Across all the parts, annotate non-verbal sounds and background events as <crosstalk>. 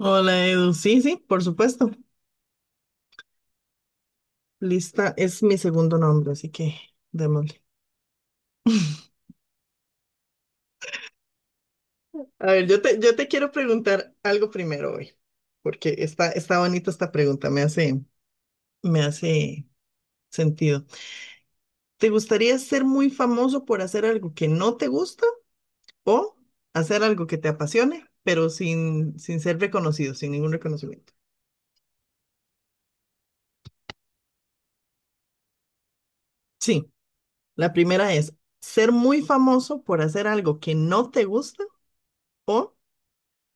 Hola Edu, sí, sí, por supuesto. Lista es mi segundo nombre, así que démosle. A ver, yo te quiero preguntar algo primero hoy, porque está bonita esta pregunta, me hace sentido. ¿Te gustaría ser muy famoso por hacer algo que no te gusta o hacer algo que te apasione, pero sin ser reconocido, sin ningún reconocimiento? Sí, la primera es ser muy famoso por hacer algo que no te gusta, o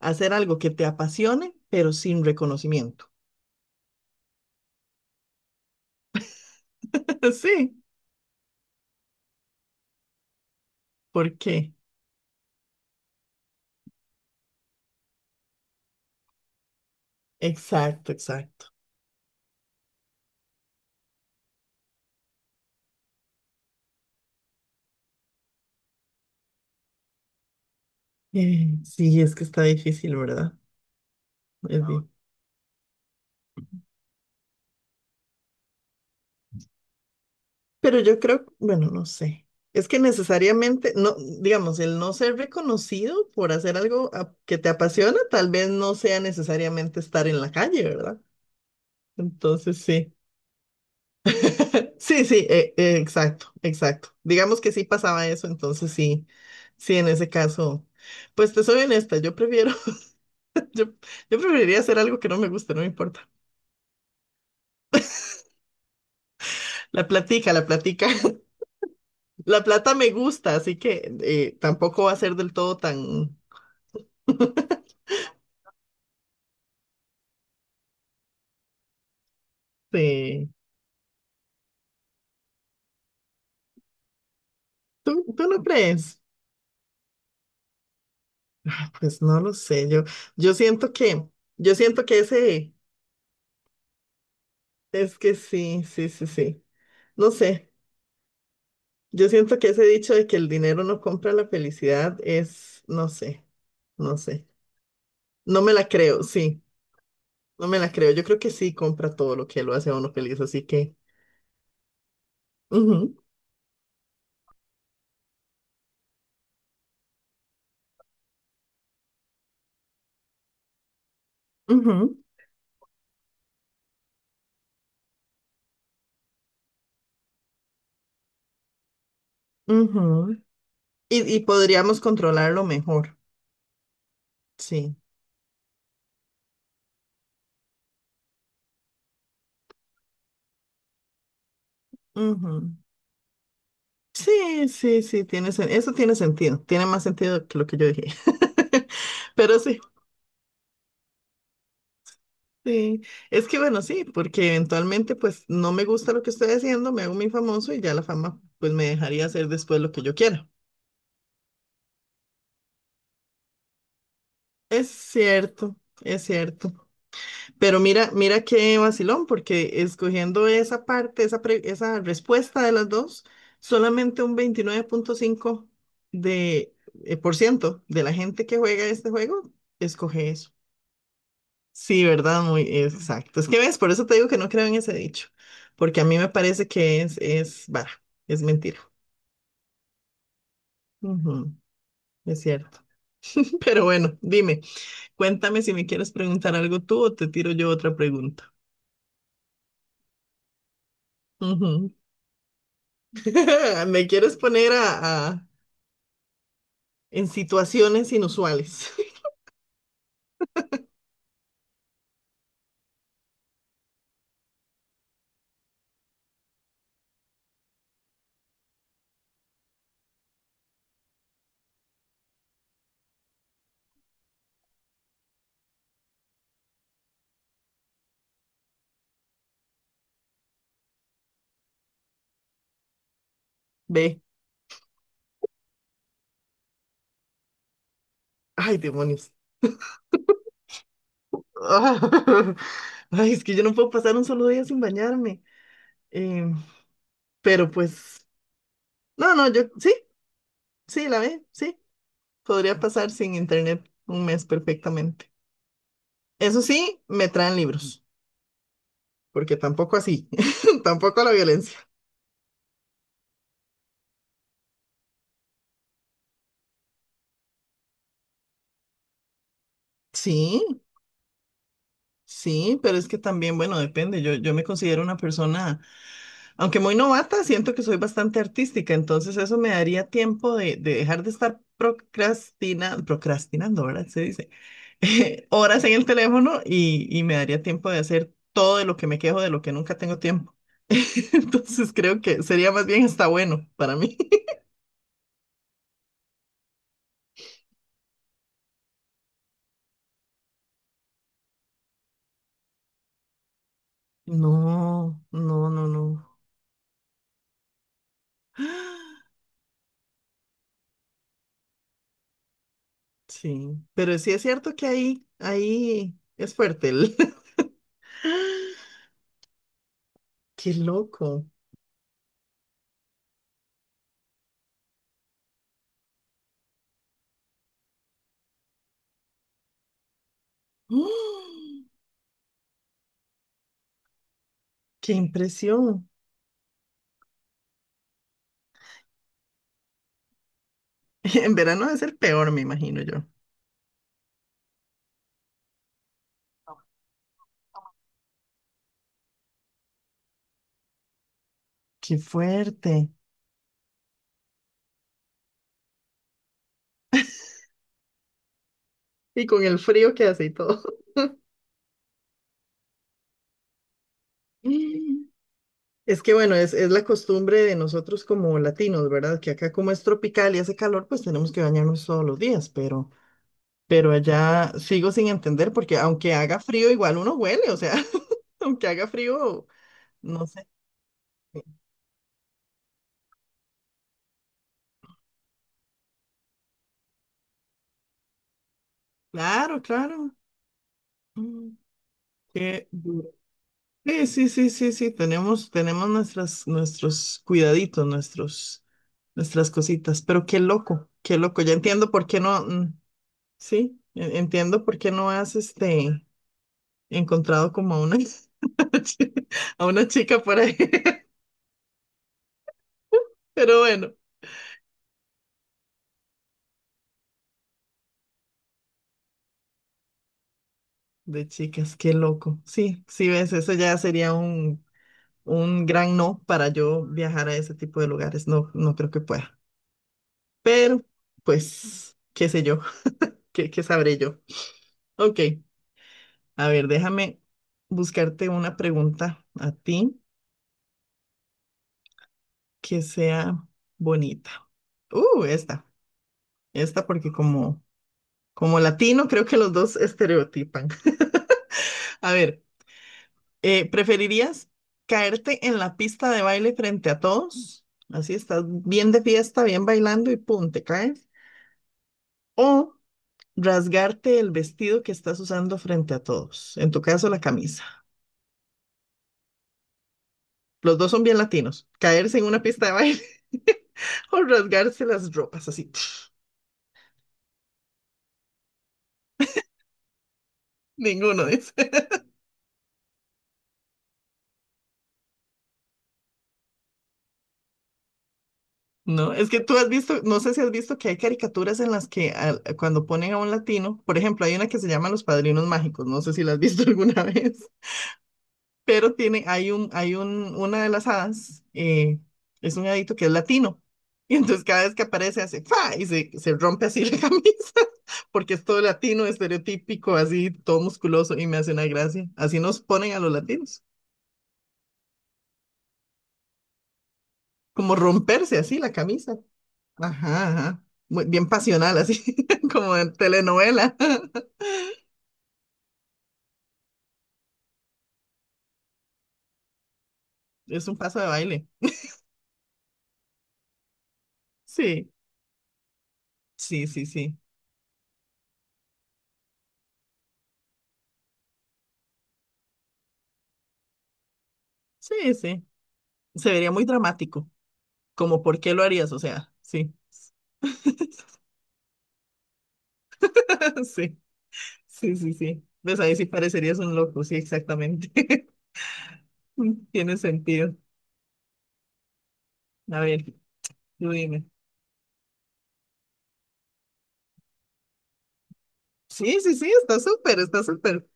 hacer algo que te apasione, pero sin reconocimiento. <laughs> Sí, ¿por qué? Exacto, exacto. Sí, es que está difícil, ¿verdad? Es di- Pero yo creo, bueno, no sé. Es que necesariamente, no, digamos, el no ser reconocido por hacer que te apasiona, tal vez no sea necesariamente estar en la calle, ¿verdad? Entonces, sí. <laughs> Sí, sí, exacto, exacto. Digamos que sí pasaba eso, entonces sí, sí, en ese caso, pues te soy honesta, Yo, yo preferiría hacer algo que no me guste, no me importa. La platica, la platica. <laughs> La plata me gusta, así que tampoco va a ser del todo tan... eh, ¿Tú, tú no crees? Pues no lo sé, yo siento que, es que sí, sí, sí, sí. No sé, yo siento que ese dicho de que el dinero no compra la felicidad es, no sé, no sé. No me la creo, sí, no me la creo. Yo creo que sí compra todo lo que lo hace a uno feliz, así que... ujú, ujú. Ujú. Y podríamos controlarlo mejor. Sí. Ujú. Sí, sí, sí, eso tiene sentido. Tiene más sentido que lo que yo dije. <laughs> Pero sí, sí. Es que bueno, sí, porque eventualmente pues no me gusta lo que estoy haciendo, me hago muy famoso y ya la fama pues me dejaría hacer después lo que yo quiera. Es cierto, es cierto. Pero mira, mira qué vacilón, porque escogiendo esa parte, esa respuesta de las dos, solamente un veintinueve punto cinco de, por ciento de la gente que juega este juego escoge eso. Sí, ¿verdad? Muy exacto. Es que ves, por eso te digo que no creo en ese dicho, porque a mí me parece que es vara, es mentira. Ujú, es cierto. <laughs> Pero bueno, dime, cuéntame si me quieres preguntar algo tú o te tiro yo otra pregunta. Ujú. <laughs> ¿Me quieres poner a, en situaciones inusuales. <laughs> Ve, ay, demonios. <laughs> Ay, es que yo no puedo pasar un solo día sin bañarme. Em, pero pues, no, no, yo sí, sí. Podría pasar sin internet un mes perfectamente. Eso sí, me traen libros, porque tampoco así, <laughs> tampoco la violencia. Sí. Sí, pero es que también, bueno, depende. Yo me considero una persona, aunque muy novata, siento que soy bastante artística, entonces eso me daría tiempo de dejar de estar procrastinando, ¿verdad? Se dice, <laughs> horas en el teléfono y me daría tiempo de hacer todo de lo que me quejo, de lo que nunca tengo tiempo. <laughs> Entonces creo que sería más bien hasta bueno para mí. <laughs> No, no, no, no. Sí, pero sí es cierto que ahí, ahí es fuerte el... <laughs> Qué loco. ¡Oh! Qué impresión. <laughs> En verano debe ser peor, me imagino yo. Qué fuerte. Y con el frío que hace y todo. <laughs> Mm. Es que bueno, es la costumbre de nosotros como latinos, ¿verdad? Que acá como es tropical y hace calor, pues tenemos que bañarnos todos los días, pero allá sigo sin entender porque aunque haga frío, igual uno huele, o sea, <laughs> aunque haga frío, no sé. Claro, claro. Mm, qué duro. Sí, sí, sí, sí, sí, tenemos, tenemos nuestras, nuestros cuidaditos, nuestros, nuestras cositas, pero qué loco, ya entiendo por qué no, sí, entiendo por qué no has, encontrado como a una, <laughs> a una chica por ahí, <laughs> pero bueno, de chicas, qué loco, sí, sí, ves, eso ya sería un gran no para yo viajar a ese tipo de lugares, no, no creo que pueda, pero, pues, qué sé yo, <laughs> qué, qué sabré yo, ok. A ver, déjame buscarte una pregunta a ti que sea bonita. Esta, esta porque como, como latino creo que los dos estereotipan. <laughs> A ver, ¿preferirías caerte en la pista de baile frente a todos? Así estás bien de fiesta, bien bailando y pum, te caes. ¿O rasgarte el vestido que estás usando frente a todos? En tu caso, la camisa. Los dos son bien latinos. Caerse en una pista de baile <laughs> o rasgarse las ropas así. <laughs> Pf, ninguno dice. No, es que tú has visto, no sé si has visto que hay caricaturas en las que cuando ponen a un latino, por ejemplo, hay una que se llama Los Padrinos Mágicos, no sé si la has visto <laughs> alguna vez. Pero tiene, una de las hadas, es un hadito que es latino. Y entonces cada vez que aparece hace ¡fa! Y se rompe así la <laughs> camisa, porque es todo latino, estereotípico, así, todo musculoso, y me hace una gracia. Así nos ponen a los latinos, como romperse así la camisa. Ajá, ajá. Muy, bien pasional, así, <laughs> como en telenovela. <laughs> Es un paso de baile. Sí, sí, sí, sí. Sí, sí. Se vería muy dramático. Como, ¿por qué lo harías? O sea, sí. <laughs> <laughs> Sí, sí, sí, sí. Pues ahí sí parecerías un loco, sí, exactamente. <laughs> Tiene sentido. A ver, tú dime. Sí, sí, sí, está súper, está súper.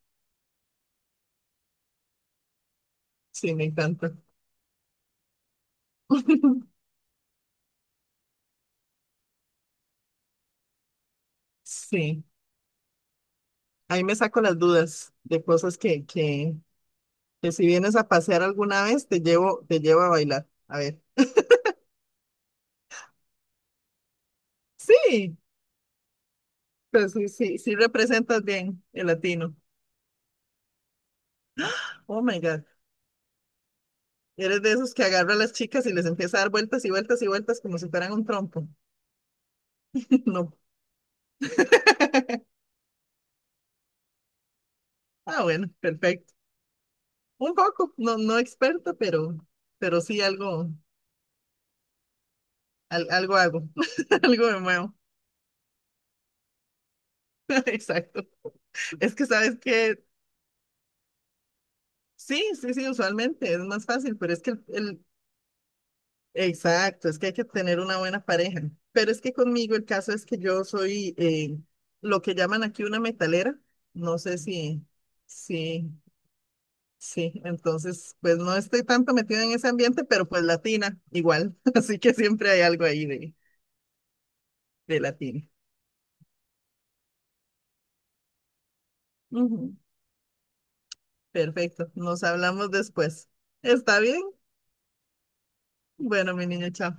Sí, me encanta. <laughs> Sí, ahí me saco las dudas de cosas que si vienes a pasear alguna vez, te llevo a bailar. A ver. Sí, pues sí, sí, sí representas bien el latino. Oh my God. Eres de esos que agarra a las chicas y les empieza a dar vueltas y vueltas y vueltas como si fueran un trompo. <laughs> No. <laughs> Ah, bueno, perfecto. Un poco, no, no experta, pero sí algo, algo hago, <laughs> algo me muevo. <laughs> Exacto. Es que sabes que sí, sí, sí, usualmente es más fácil, pero es que exacto, es que hay que tener una buena pareja. Pero es que conmigo el caso es que yo soy lo que llaman aquí una metalera. No sé si, sí. Sí, entonces, pues no estoy tanto metida en ese ambiente, pero pues latina, igual. <laughs> Así que siempre hay algo ahí de latina. Ujú. Perfecto, nos hablamos después. ¿Está bien? Bueno, mi niño, chao.